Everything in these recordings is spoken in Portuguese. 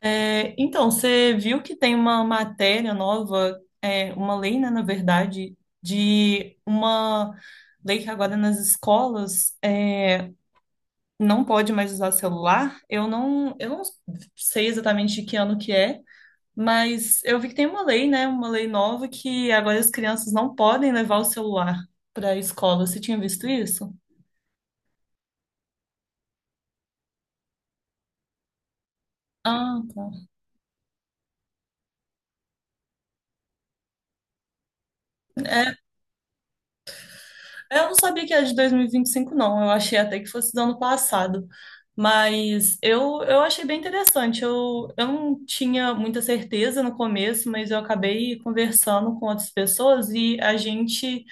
Então, você viu que tem uma matéria nova, uma lei, né, na verdade, de uma lei que agora nas escolas não pode mais usar celular. Eu não sei exatamente que ano que é, mas eu vi que tem uma lei, né, uma lei nova que agora as crianças não podem levar o celular para a escola. Você tinha visto isso? Ah, tá. É, eu não sabia que era de 2025, não. Eu achei até que fosse do ano passado. Mas eu achei bem interessante. Eu não tinha muita certeza no começo, mas eu acabei conversando com outras pessoas e a gente.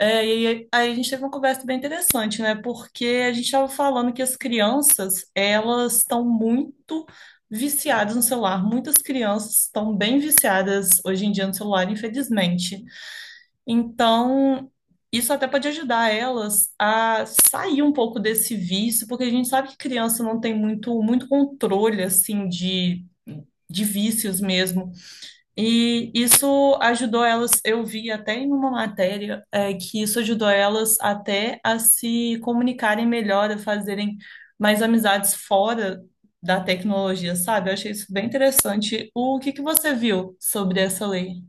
é, e aí aí a gente teve uma conversa bem interessante, né? Porque a gente estava falando que as crianças, elas estão muito viciadas no celular. Muitas crianças estão bem viciadas hoje em dia no celular, infelizmente. Então, isso até pode ajudar elas a sair um pouco desse vício, porque a gente sabe que criança não tem muito, muito controle, assim, de vícios mesmo. E isso ajudou elas, eu vi até em uma matéria, que isso ajudou elas até a se comunicarem melhor, a fazerem mais amizades fora da tecnologia, sabe? Eu achei isso bem interessante. O que que você viu sobre essa lei?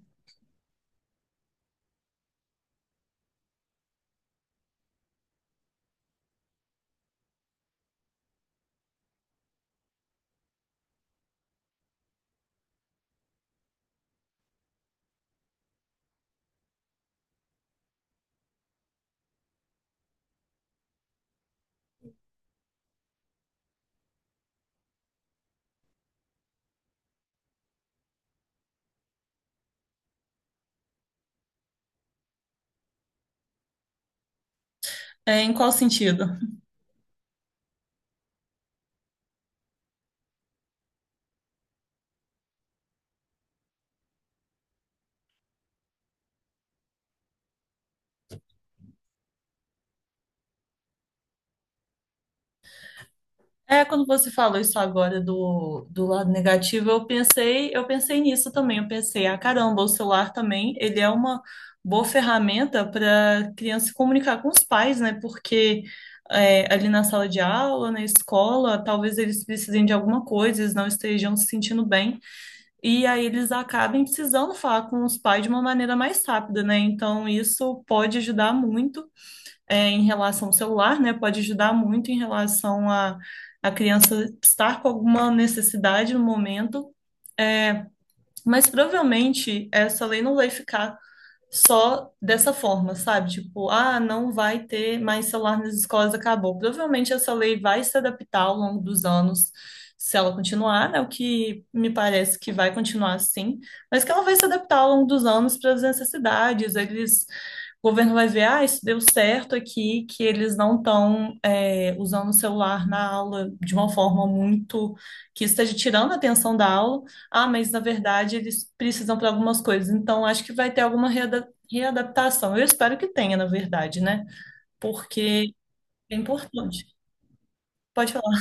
Em qual sentido? Quando você falou isso agora do lado negativo, eu pensei nisso também. Eu pensei, ah, caramba, o celular também, ele é uma boa ferramenta para criança se comunicar com os pais, né? Porque ali na sala de aula, na escola, talvez eles precisem de alguma coisa, eles não estejam se sentindo bem. E aí eles acabem precisando falar com os pais de uma maneira mais rápida, né? Então isso pode ajudar muito em relação ao celular, né? Pode ajudar muito em relação a criança estar com alguma necessidade no momento. Mas provavelmente essa lei não vai ficar só dessa forma, sabe? Tipo, ah, não vai ter mais celular nas escolas, acabou. Provavelmente essa lei vai se adaptar ao longo dos anos, se ela continuar, né? O que me parece que vai continuar assim, mas que ela vai se adaptar ao longo dos anos para as necessidades. O governo vai ver, ah, isso deu certo aqui, que eles não estão usando o celular na aula de uma forma muito que esteja tirando a atenção da aula. Ah, mas na verdade eles precisam para algumas coisas, então acho que vai ter alguma readaptação. Eu espero que tenha, na verdade, né? Porque é importante. Pode falar.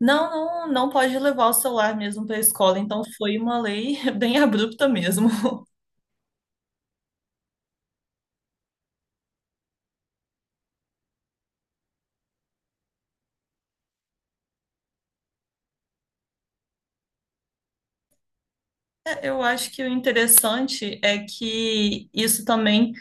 Não, não, não pode levar o celular mesmo para a escola, então foi uma lei bem abrupta mesmo. Eu acho que o interessante é que isso também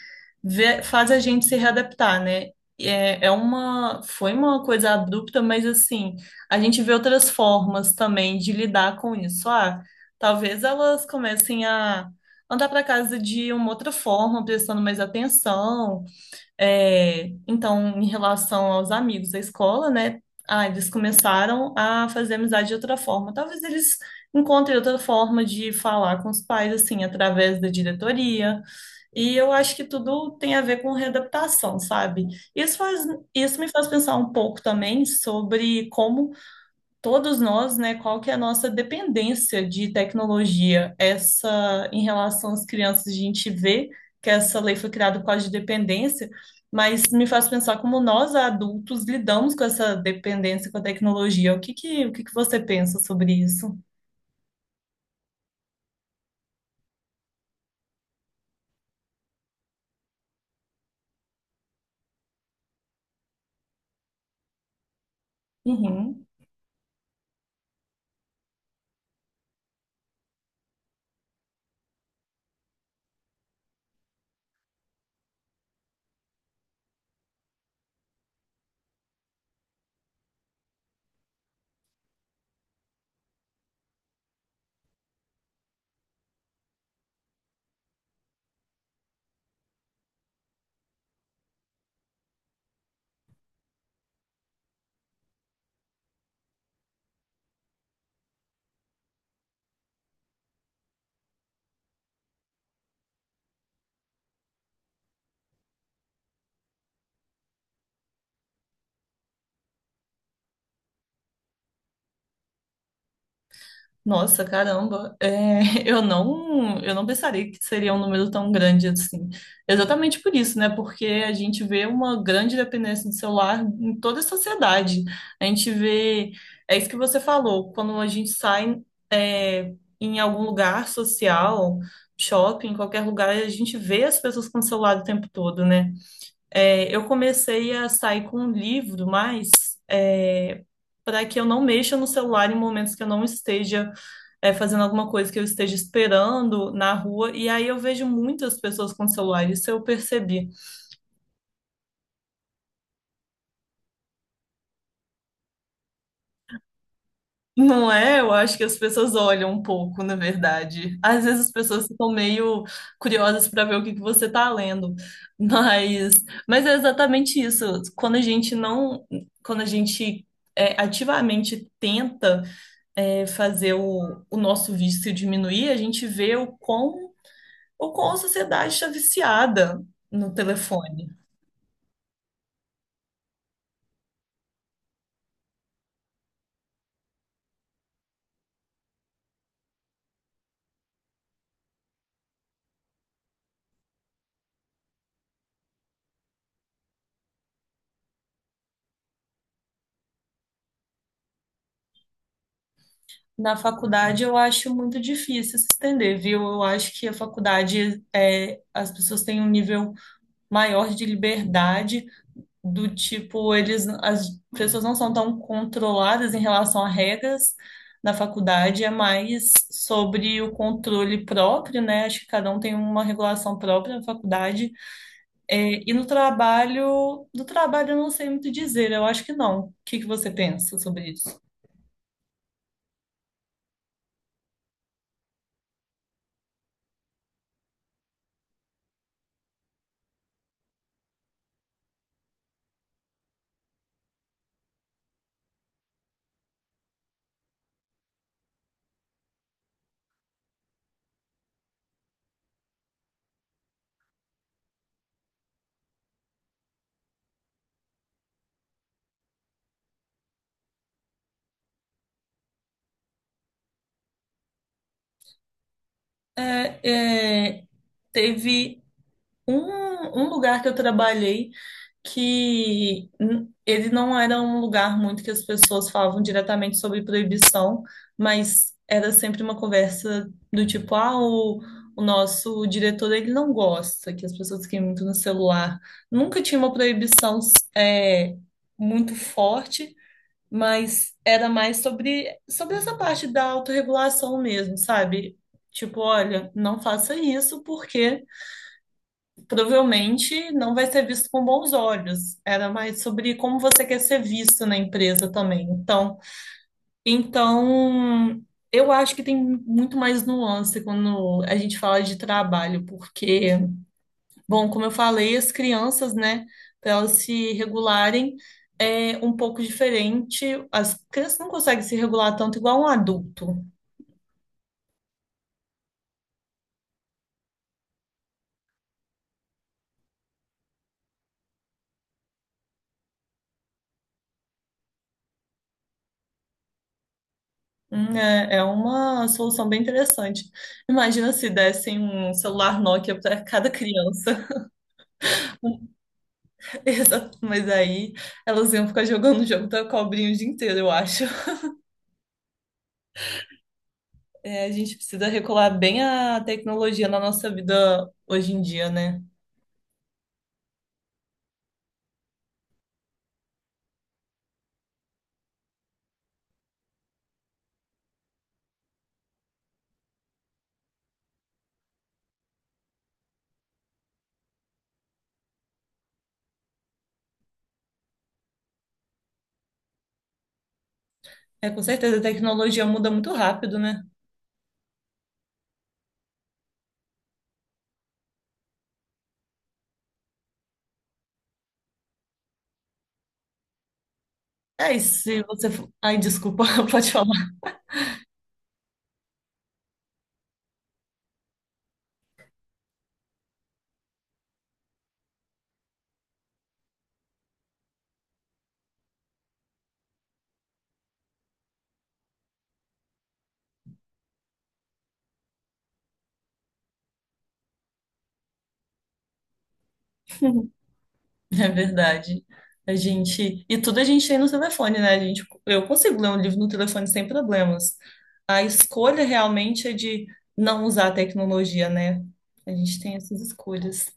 faz a gente se readaptar, né? Foi uma coisa abrupta, mas assim, a gente vê outras formas também de lidar com isso. Ah, talvez elas comecem a andar para casa de uma outra forma, prestando mais atenção, então, em relação aos amigos da escola, né? Ah, eles começaram a fazer amizade de outra forma. Talvez eles encontrem outra forma de falar com os pais, assim, através da diretoria. E eu acho que tudo tem a ver com readaptação, sabe? Isso faz, isso me faz pensar um pouco também sobre como todos nós, né, qual que é a nossa dependência de tecnologia. Essa, em relação às crianças, a gente vê que essa lei foi criada por causa de dependência, mas me faz pensar como nós, adultos, lidamos com essa dependência com a tecnologia. O que que você pensa sobre isso? Uhum. Nossa, caramba, eu não pensaria que seria um número tão grande assim. Exatamente por isso, né? Porque a gente vê uma grande dependência do celular em toda a sociedade. A gente vê, é isso que você falou, quando a gente sai, é, em algum lugar social, shopping, qualquer lugar, a gente vê as pessoas com o celular o tempo todo, né? Eu comecei a sair com um livro, mas é, para que eu não mexa no celular em momentos que eu não esteja fazendo alguma coisa que eu esteja esperando na rua, e aí eu vejo muitas pessoas com celular, isso eu percebi. Não é? Eu acho que as pessoas olham um pouco, na verdade. Às vezes as pessoas ficam meio curiosas para ver o que que você está lendo, mas, é exatamente isso. Quando a gente não, quando a gente ativamente tenta fazer o nosso vício diminuir, a gente vê o quão a sociedade está viciada no telefone. Na faculdade eu acho muito difícil se estender, viu? Eu acho que a faculdade as pessoas têm um nível maior de liberdade, do tipo, eles as pessoas não são tão controladas em relação a regras. Na faculdade é mais sobre o controle próprio, né? Acho que cada um tem uma regulação própria na faculdade. É, e no trabalho, do trabalho eu não sei muito dizer, eu acho que não. O que que você pensa sobre isso? É, é, teve Um, um lugar que eu trabalhei que ele não era um lugar muito que as pessoas falavam diretamente sobre proibição, mas era sempre uma conversa do tipo, ah, o nosso diretor ele não gosta que as pessoas fiquem muito no celular. Nunca tinha uma proibição é, muito forte, mas era mais sobre, essa parte da autorregulação mesmo, sabe? Tipo, olha, não faça isso porque provavelmente não vai ser visto com bons olhos. Era mais sobre como você quer ser visto na empresa também. Então eu acho que tem muito mais nuance quando a gente fala de trabalho, porque, bom, como eu falei, as crianças, né, para elas se regularem é um pouco diferente. As crianças não conseguem se regular tanto igual um adulto. É uma solução bem interessante. Imagina se dessem um celular Nokia para cada criança. Exato, mas aí elas iam ficar jogando o jogo da cobrinha o dia inteiro, eu acho. É, a gente precisa regular bem a tecnologia na nossa vida hoje em dia, né? É, com certeza a tecnologia muda muito rápido, né? É, e se você. For- Ai, desculpa, pode falar. É verdade. A gente. E tudo a gente tem no telefone, né? Eu consigo ler um livro no telefone sem problemas. A escolha realmente é de não usar a tecnologia, né? A gente tem essas escolhas.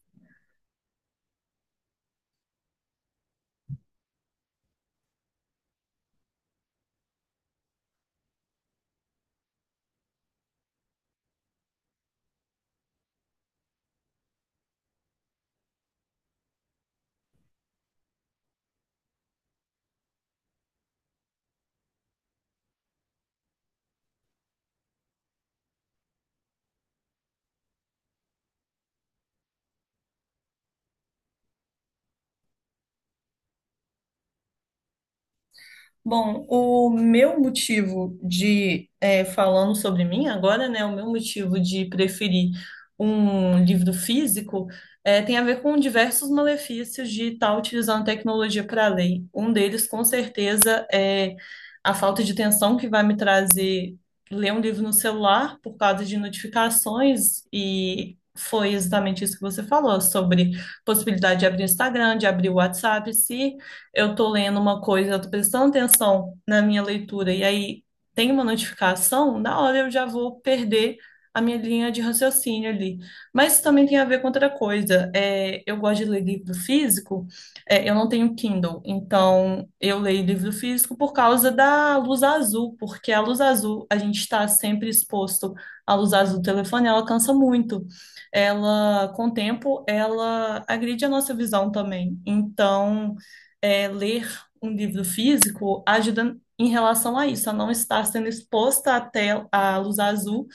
Bom, o meu motivo de, falando sobre mim agora, né, o meu motivo de preferir um livro físico tem a ver com diversos malefícios de estar utilizando tecnologia para ler. Um deles, com certeza, é a falta de atenção que vai me trazer ler um livro no celular por causa de notificações, e foi exatamente isso que você falou sobre possibilidade de abrir o Instagram, de abrir o WhatsApp. Se eu tô lendo uma coisa, eu tô prestando atenção na minha leitura, e aí tem uma notificação, na hora eu já vou perder a minha linha de raciocínio ali. Mas isso também tem a ver com outra coisa. Eu gosto de ler livro físico, eu não tenho Kindle, então eu leio livro físico por causa da luz azul, porque a luz azul, a gente está sempre exposto à luz azul do telefone, ela cansa muito. Ela, com o tempo, ela agride a nossa visão também. Então, ler um livro físico ajuda em relação a isso, a não estar sendo exposta à luz azul,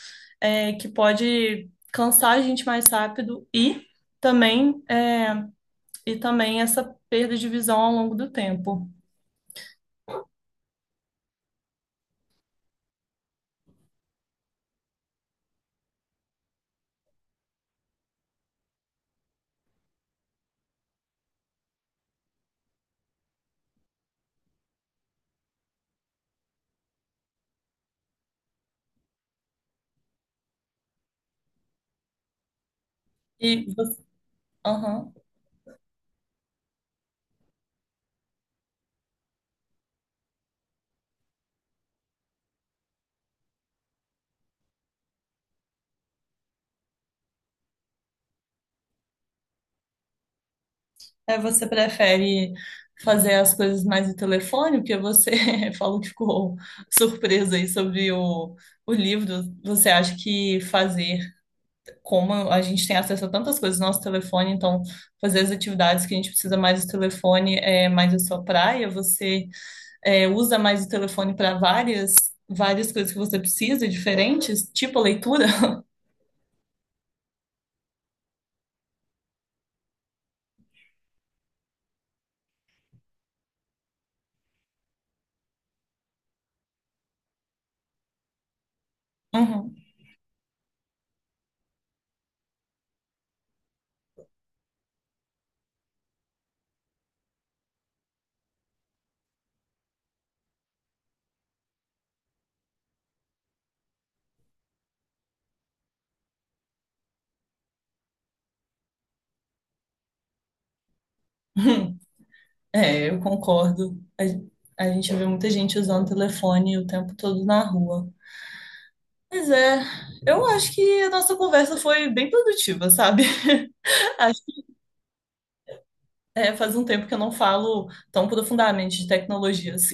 que pode cansar a gente mais rápido e também, essa perda de visão ao longo do tempo. E você? Aham. Você prefere fazer as coisas mais no telefone, porque você falou que ficou surpresa aí sobre o livro. Você acha que fazer como a gente tem acesso a tantas coisas no nosso telefone, então fazer as atividades que a gente precisa mais do telefone é mais a sua praia, você usa mais o telefone para várias coisas que você precisa, diferentes, tipo a leitura. Uhum. É, eu concordo. A gente vê muita gente usando telefone o tempo todo na rua. Mas eu acho que a nossa conversa foi bem produtiva, sabe? Acho- É, faz um tempo que eu não falo tão profundamente de tecnologias.